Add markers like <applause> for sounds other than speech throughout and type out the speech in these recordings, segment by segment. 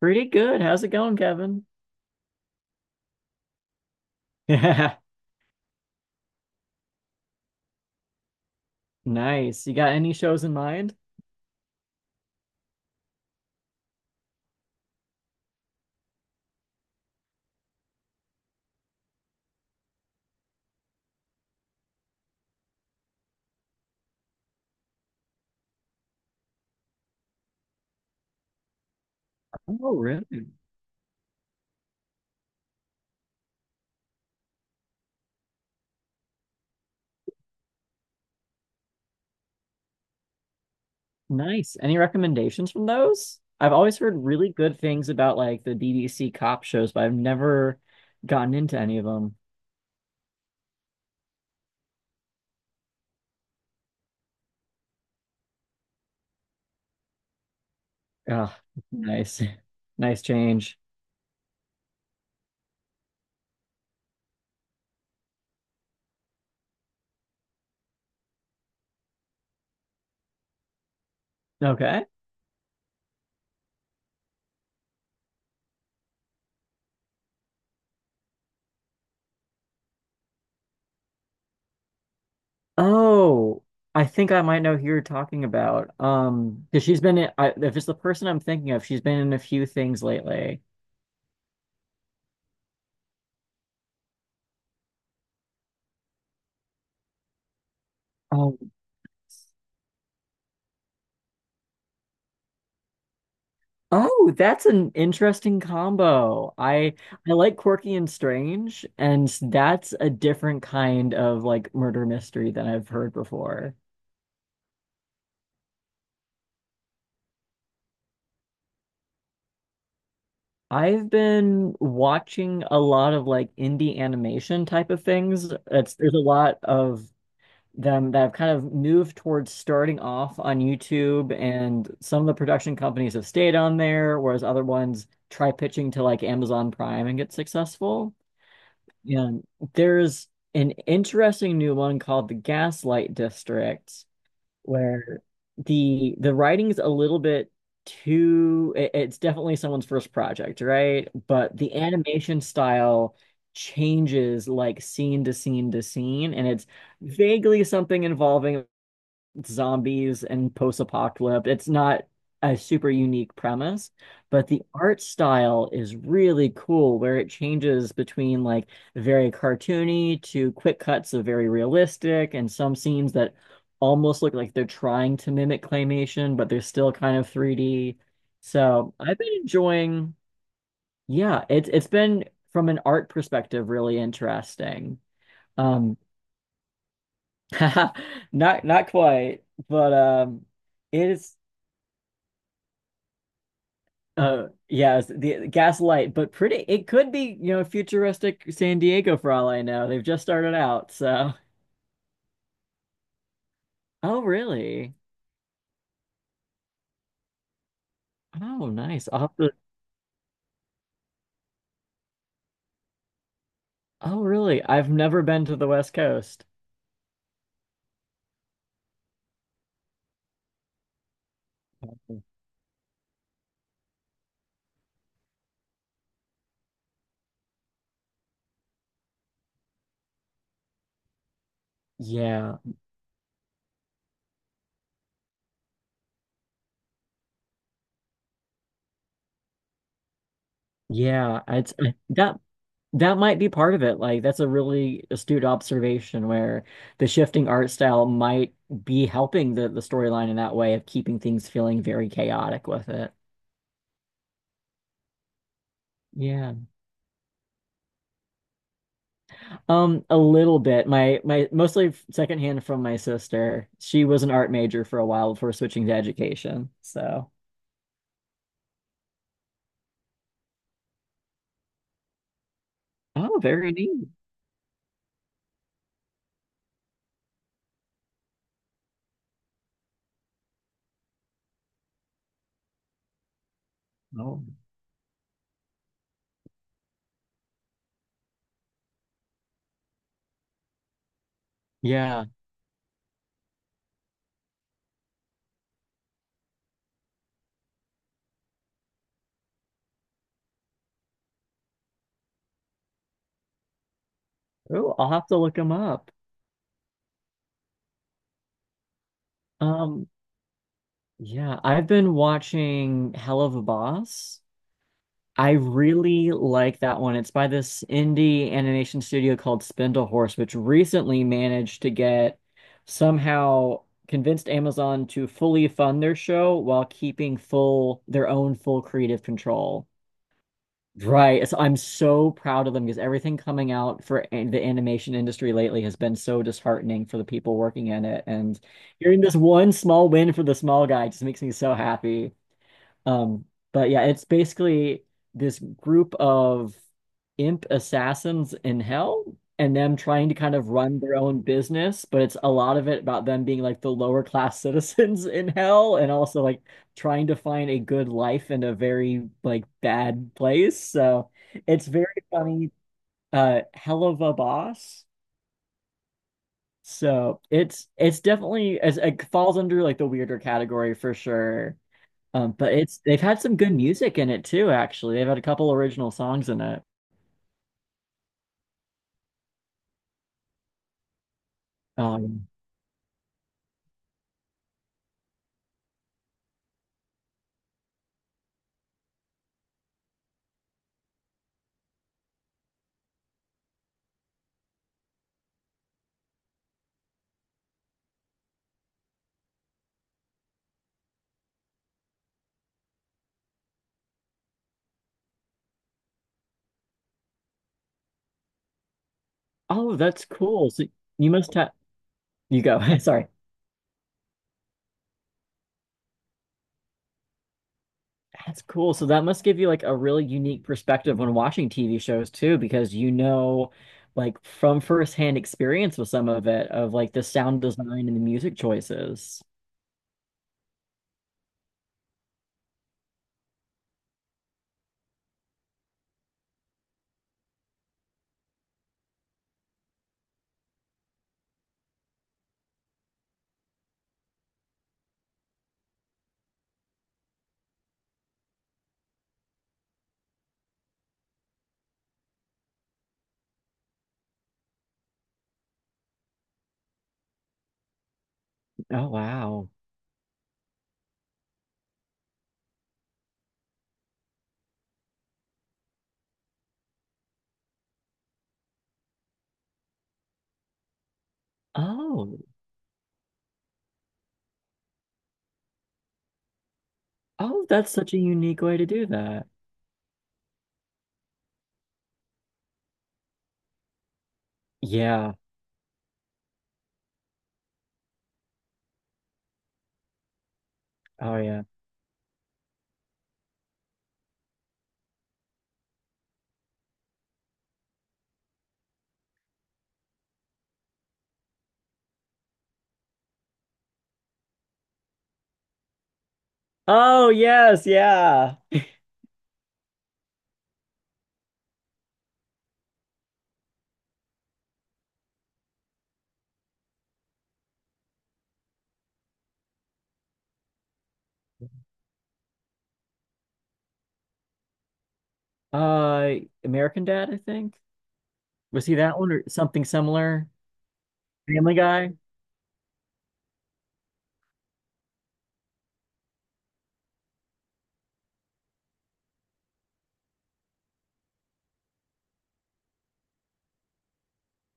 Pretty good. How's it going, Kevin? <laughs> Yeah, nice. You got any shows in mind? Oh, really? Nice. Any recommendations from those? I've always heard really good things about like the BBC cop shows, but I've never gotten into any of them. Ah, nice. <laughs> Nice change. Okay. Oh, I think I might know who you're talking about. 'Cause she's been in, if it's the person I'm thinking of, she's been in a few things lately. Oh, that's an interesting combo. I like quirky and strange, and that's a different kind of like murder mystery than I've heard before. I've been watching a lot of like indie animation type of things. It's there's a lot of them that have kind of moved towards starting off on YouTube, and some of the production companies have stayed on there, whereas other ones try pitching to like Amazon Prime and get successful. Yeah, there's an interesting new one called the Gaslight District, where the writing's a little bit it's definitely someone's first project, right? But the animation style changes like scene to scene to scene, and it's vaguely something involving zombies and post-apocalypse. It's not a super unique premise, but the art style is really cool where it changes between like very cartoony to quick cuts of very realistic and some scenes that almost look like they're trying to mimic claymation, but they're still kind of 3D. So I've been enjoying, yeah, it's been from an art perspective really interesting. Um <laughs> not quite, but it is. Yes, the Gaslight, but pretty. It could be, you know, futuristic San Diego for all I know. They've just started out, so. Oh, really? Oh, nice. I'll have to- oh, really? I've never been to the West Coast. Yeah, yeah. It's that that might be part of it. Like, that's a really astute observation where the shifting art style might be helping the storyline in that way of keeping things feeling very chaotic with it. Yeah. A little bit. My mostly secondhand from my sister. She was an art major for a while before switching to education. So, oh, very neat. Oh, yeah. Oh, I'll have to look him up. Um, yeah, I've been watching Hell of a Boss. I really like that one. It's by this indie animation studio called Spindlehorse, which recently managed to get somehow convinced Amazon to fully fund their show while keeping full their own full creative control. Right. So I'm so proud of them because everything coming out for the animation industry lately has been so disheartening for the people working in it. And hearing this one small win for the small guy just makes me so happy. Um, but yeah, it's basically this group of imp assassins in hell and them trying to kind of run their own business, but it's a lot of it about them being like the lower class citizens <laughs> in hell and also like trying to find a good life in a very like bad place. So it's very funny. Hell of a boss. So it's definitely as it falls under like the weirder category for sure. But it's they've had some good music in it too, actually. They've had a couple original songs in it. Um, oh, that's cool. So you must have you go. <laughs> Sorry. That's cool. So that must give you like a really unique perspective when watching TV shows too, because you know like from firsthand experience with some of it of like the sound design and the music choices. Oh wow. Oh. Oh, that's such a unique way to do that. Yeah. Oh yeah. Oh yes, yeah. Uh, American Dad, I think. Was he that one or something similar? Family Guy?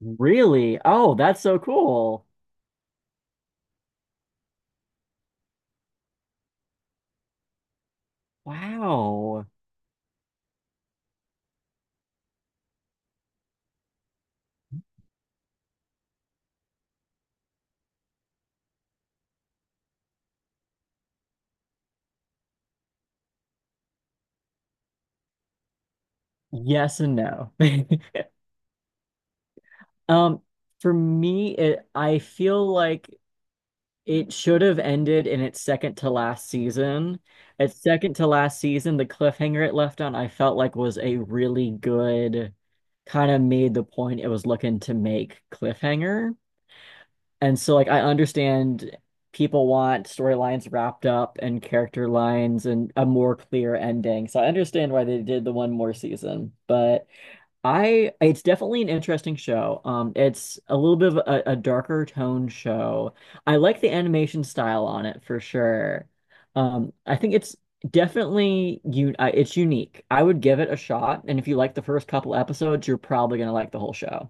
Really? Oh, that's so cool. Wow. Yes and no. <laughs> Um, for me, it I feel like it should have ended in its second to last season. Its second to last season, the cliffhanger it left on, I felt like was a really good kind of made the point it was looking to make cliffhanger. And so like I understand people want storylines wrapped up and character lines and a more clear ending. So I understand why they did the one more season. But I it's definitely an interesting show. It's a little bit of a darker tone show. I like the animation style on it for sure. I think it's definitely you it's unique. I would give it a shot and if you like the first couple episodes, you're probably going to like the whole show.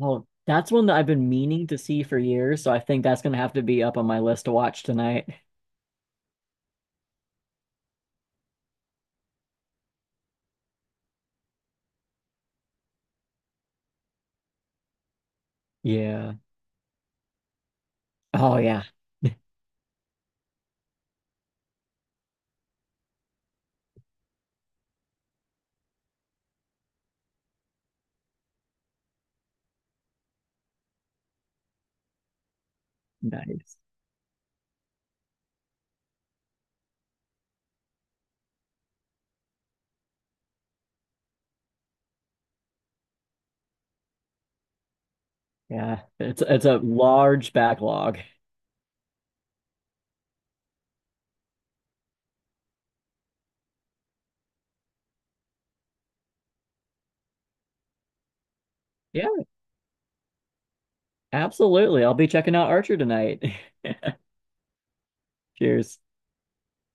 Oh, that's one that I've been meaning to see for years, so I think that's gonna have to be up on my list to watch tonight. Yeah. Oh yeah. <laughs> Nice. Yeah. It's a large backlog. Yeah, absolutely. I'll be checking out Archer tonight. <laughs> Cheers.